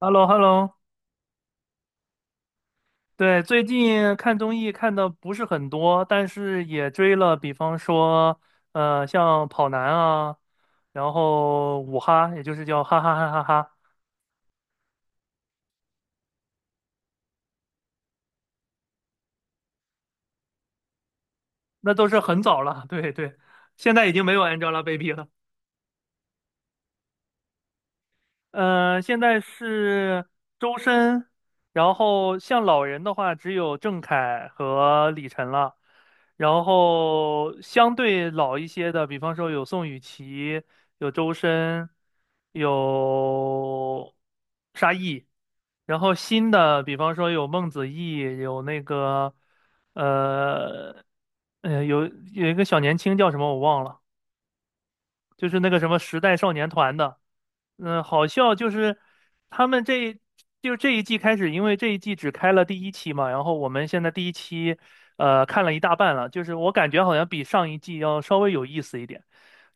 h e l l o h e l l o 对，最近看综艺看的不是很多，但是也追了，比方说，像跑男啊，然后五哈，也就是叫哈哈哈哈哈，那都是很早了，对对，现在已经没有 Angelababy 了。嗯，现在是周深，然后像老人的话，只有郑恺和李晨了。然后相对老一些的，比方说有宋雨琦，有周深，有沙溢。然后新的，比方说有孟子义，有那个，呃，呃，有有一个小年轻叫什么我忘了，就是那个什么时代少年团的。嗯，好笑就是他们这就这一季开始，因为这一季只开了第一期嘛，然后我们现在第一期看了一大半了，就是我感觉好像比上一季要稍微有意思一点，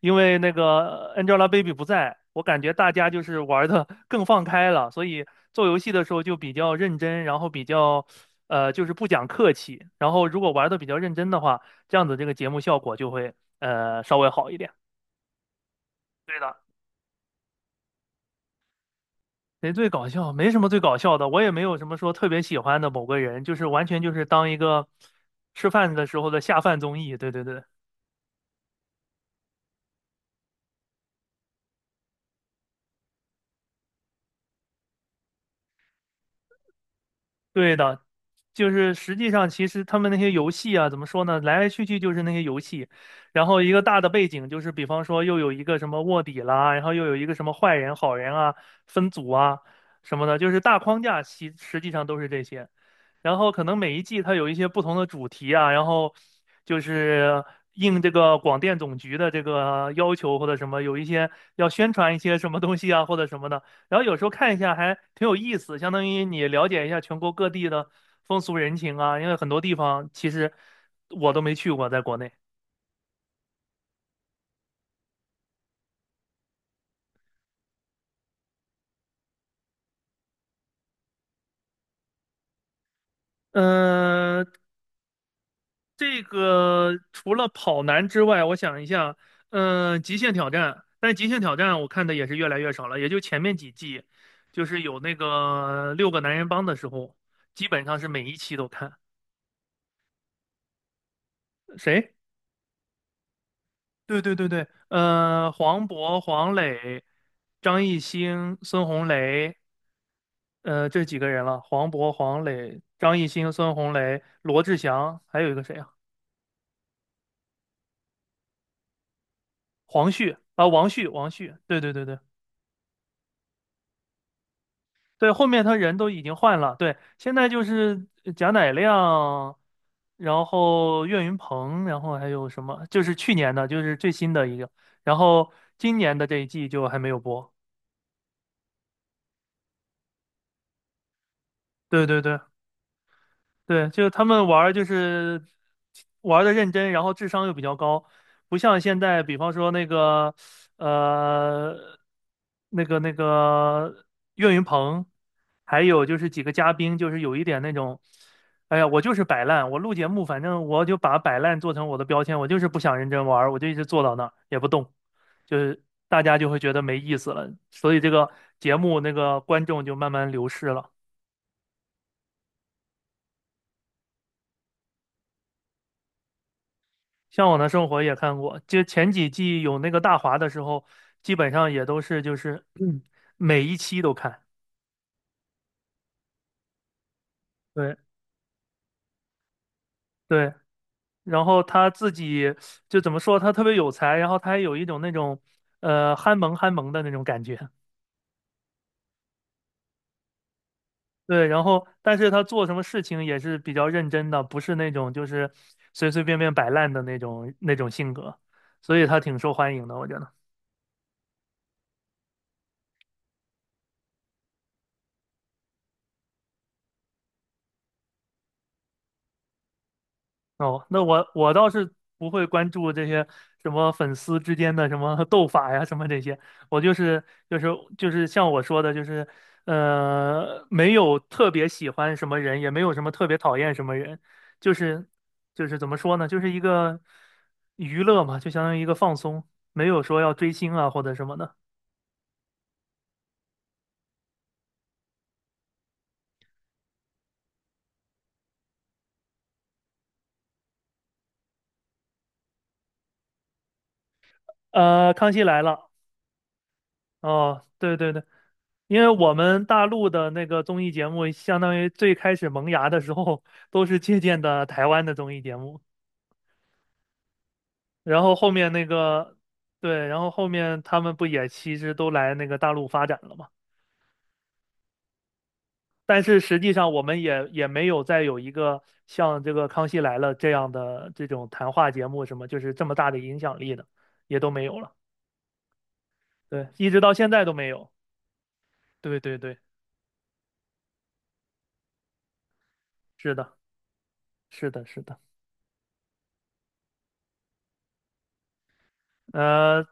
因为那个Angelababy 不在，我感觉大家就是玩的 更放开了，所以做游戏的时候就比较认真，然后比较就是不讲客气，然后如果玩的比较认真的话，这样子这个节目效果就会稍微好一点。对的。谁最搞笑？没什么最搞笑的，我也没有什么说特别喜欢的某个人，就是完全就是当一个吃饭的时候的下饭综艺。对对对，对的，就是实际上其实他们那些游戏啊，怎么说呢？来来去去就是那些游戏，然后一个大的背景就是，比方说又有一个什么卧底啦，然后又有一个什么坏人、好人啊，分组啊什么的，就是大框架其实际上都是这些。然后可能每一季它有一些不同的主题啊，然后就是应这个广电总局的这个要求或者什么，有一些要宣传一些什么东西啊或者什么的。然后有时候看一下还挺有意思，相当于你了解一下全国各地的风俗人情啊，因为很多地方其实我都没去过，在国内。嗯，这个除了跑男之外，我想一下，极限挑战，但是极限挑战我看的也是越来越少了，也就前面几季，就是有那个六个男人帮的时候，基本上是每一期都看。谁？对对对对，黄渤、黄磊、张艺兴、孙红雷，这几个人了，黄渤、黄磊、张艺兴、孙红雷、罗志祥，还有一个谁啊？黄旭啊，王旭，王旭，对对对对。对，后面他人都已经换了，对，现在就是贾乃亮，然后岳云鹏，然后还有什么，就是去年的，就是最新的一个，然后今年的这一季就还没有播。对对对。对，就是他们玩儿就是玩的认真，然后智商又比较高，不像现在，比方说呃那个岳云鹏，还有就是几个嘉宾，就是有一点那种，哎呀，我就是摆烂，我录节目，反正我就把摆烂做成我的标签，我就是不想认真玩儿我就一直坐到那儿也不动，就是大家就会觉得没意思了，所以这个节目那个观众就慢慢流失了。向往的生活》也看过，就前几季有那个大华的时候，基本上也都是就是每一期都看。对对，然后他自己就怎么说，他特别有才，然后他还有一种那种憨萌憨萌的那种感觉。对，然后但是他做什么事情也是比较认真的，不是那种就是随随便便摆烂的那种性格，所以他挺受欢迎的，我觉得。哦，那我倒是不会关注这些什么粉丝之间的什么斗法呀，什么这些。我就是就是就是像我说的，就是没有特别喜欢什么人，也没有什么特别讨厌什么人，就是就是怎么说呢，就是一个娱乐嘛，就相当于一个放松，没有说要追星啊或者什么的。康熙来了。哦，对对对，因为我们大陆的那个综艺节目，相当于最开始萌芽的时候，都是借鉴的台湾的综艺节目，然后后面那个，对，然后后面他们不也其实都来那个大陆发展了嘛？但是实际上我们也没有再有一个像这个《康熙来了》这样的这种谈话节目什么，就是这么大的影响力的，也都没有了。对，一直到现在都没有。对对对，是的，是的，是的。呃，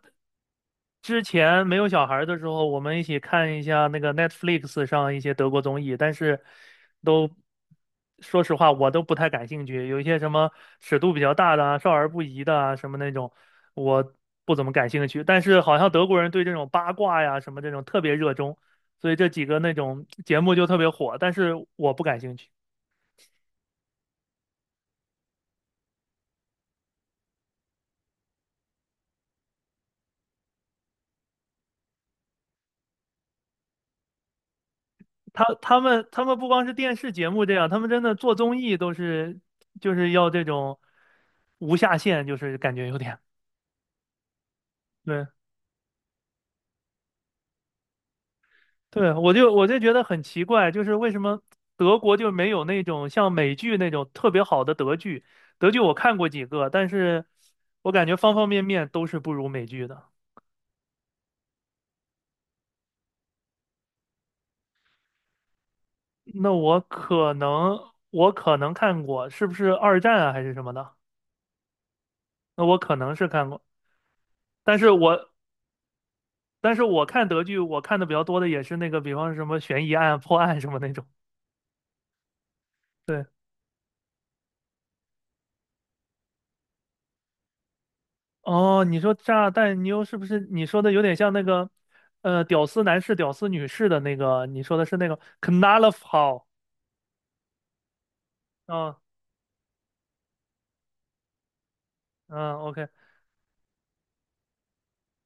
之前没有小孩儿的时候，我们一起看一下那个 Netflix 上一些德国综艺，但是都说实话，我都不太感兴趣。有一些什么尺度比较大的啊少儿不宜的啊，什么那种，我不怎么感兴趣。但是好像德国人对这种八卦呀什么这种特别热衷，所以这几个那种节目就特别火，但是我不感兴趣。他们不光是电视节目这样，他们真的做综艺都是就是要这种无下限，就是感觉有点对对，我就觉得很奇怪，就是为什么德国就没有那种像美剧那种特别好的德剧？德剧我看过几个，但是我感觉方方面面都是不如美剧的。那我可能看过，是不是二战啊还是什么的？那我可能是看过，但是我但是我看德剧，我看的比较多的也是那个，比方什么悬疑案、破案什么那种。对，哦，你说炸弹妞是不是你说的有点像那个，屌丝男士、屌丝女士的那个？你说的是那个 Knarf 好？嗯嗯，OK，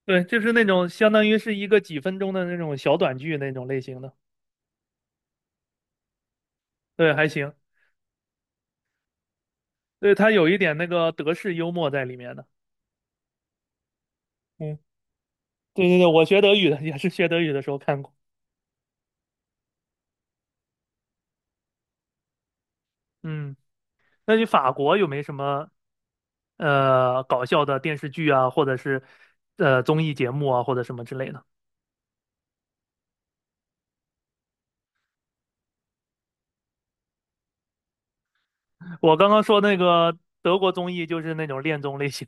对，就是那种相当于是一个几分钟的那种小短剧那种类型的。对，还行，对，它有一点那个德式幽默在里面的。嗯，对对对，我学德语的也是学德语的时候看过。嗯，那你法国有没什么搞笑的电视剧啊，或者是综艺节目啊，或者什么之类的。我刚刚说那个德国综艺就是那种恋综类型，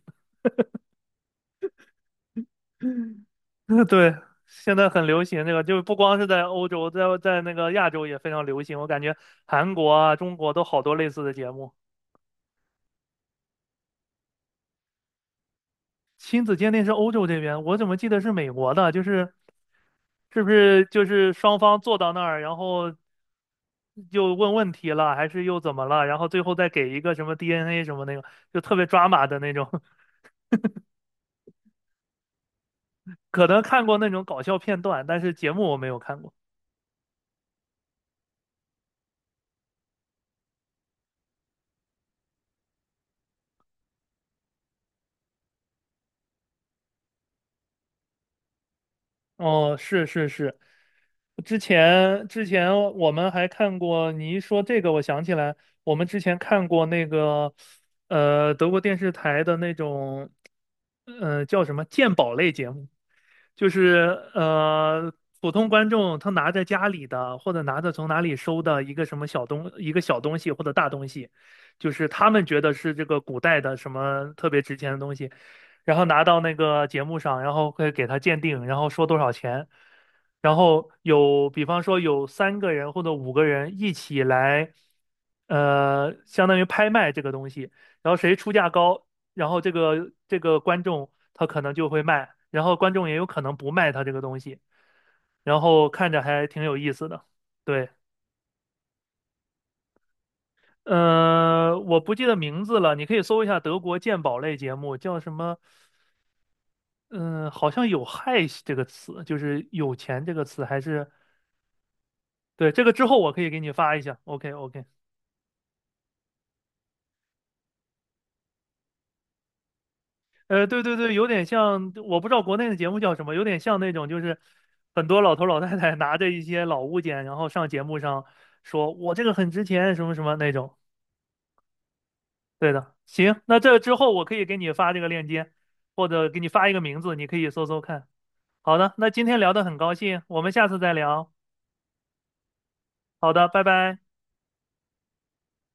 对，现在很流行这个，就是不光是在欧洲，在那个亚洲也非常流行。我感觉韩国啊、中国都好多类似的节目。亲子鉴定是欧洲这边，我怎么记得是美国的？就是是不是就是双方坐到那儿，然后又问问题了，还是又怎么了？然后最后再给一个什么 DNA 什么那个，就特别抓马的那种。可能看过那种搞笑片段，但是节目我没有看过。哦，是是是，之前我们还看过，你一说这个，我想起来，我们之前看过那个，德国电视台的那种，叫什么鉴宝类节目，就是普通观众他拿着家里的或者拿着从哪里收的一个什么一个小东西或者大东西，就是他们觉得是这个古代的什么特别值钱的东西。然后拿到那个节目上，然后会给他鉴定，然后说多少钱，然后有比方说有三个人或者五个人一起来，相当于拍卖这个东西，然后谁出价高，然后这个观众他可能就会卖，然后观众也有可能不卖他这个东西，然后看着还挺有意思的，对。我不记得名字了，你可以搜一下德国鉴宝类节目，叫什么？嗯，好像有"害"这个词，就是有钱这个词，还是对这个之后我可以给你发一下。OK OK，对对对，有点像，我不知道国内的节目叫什么，有点像那种就是很多老头老太太拿着一些老物件，然后上节目上说我这个很值钱，什么什么那种。对的，行，那这之后我可以给你发这个链接，或者给你发一个名字，你可以搜搜看。好的，那今天聊得很高兴，我们下次再聊。好的，拜拜。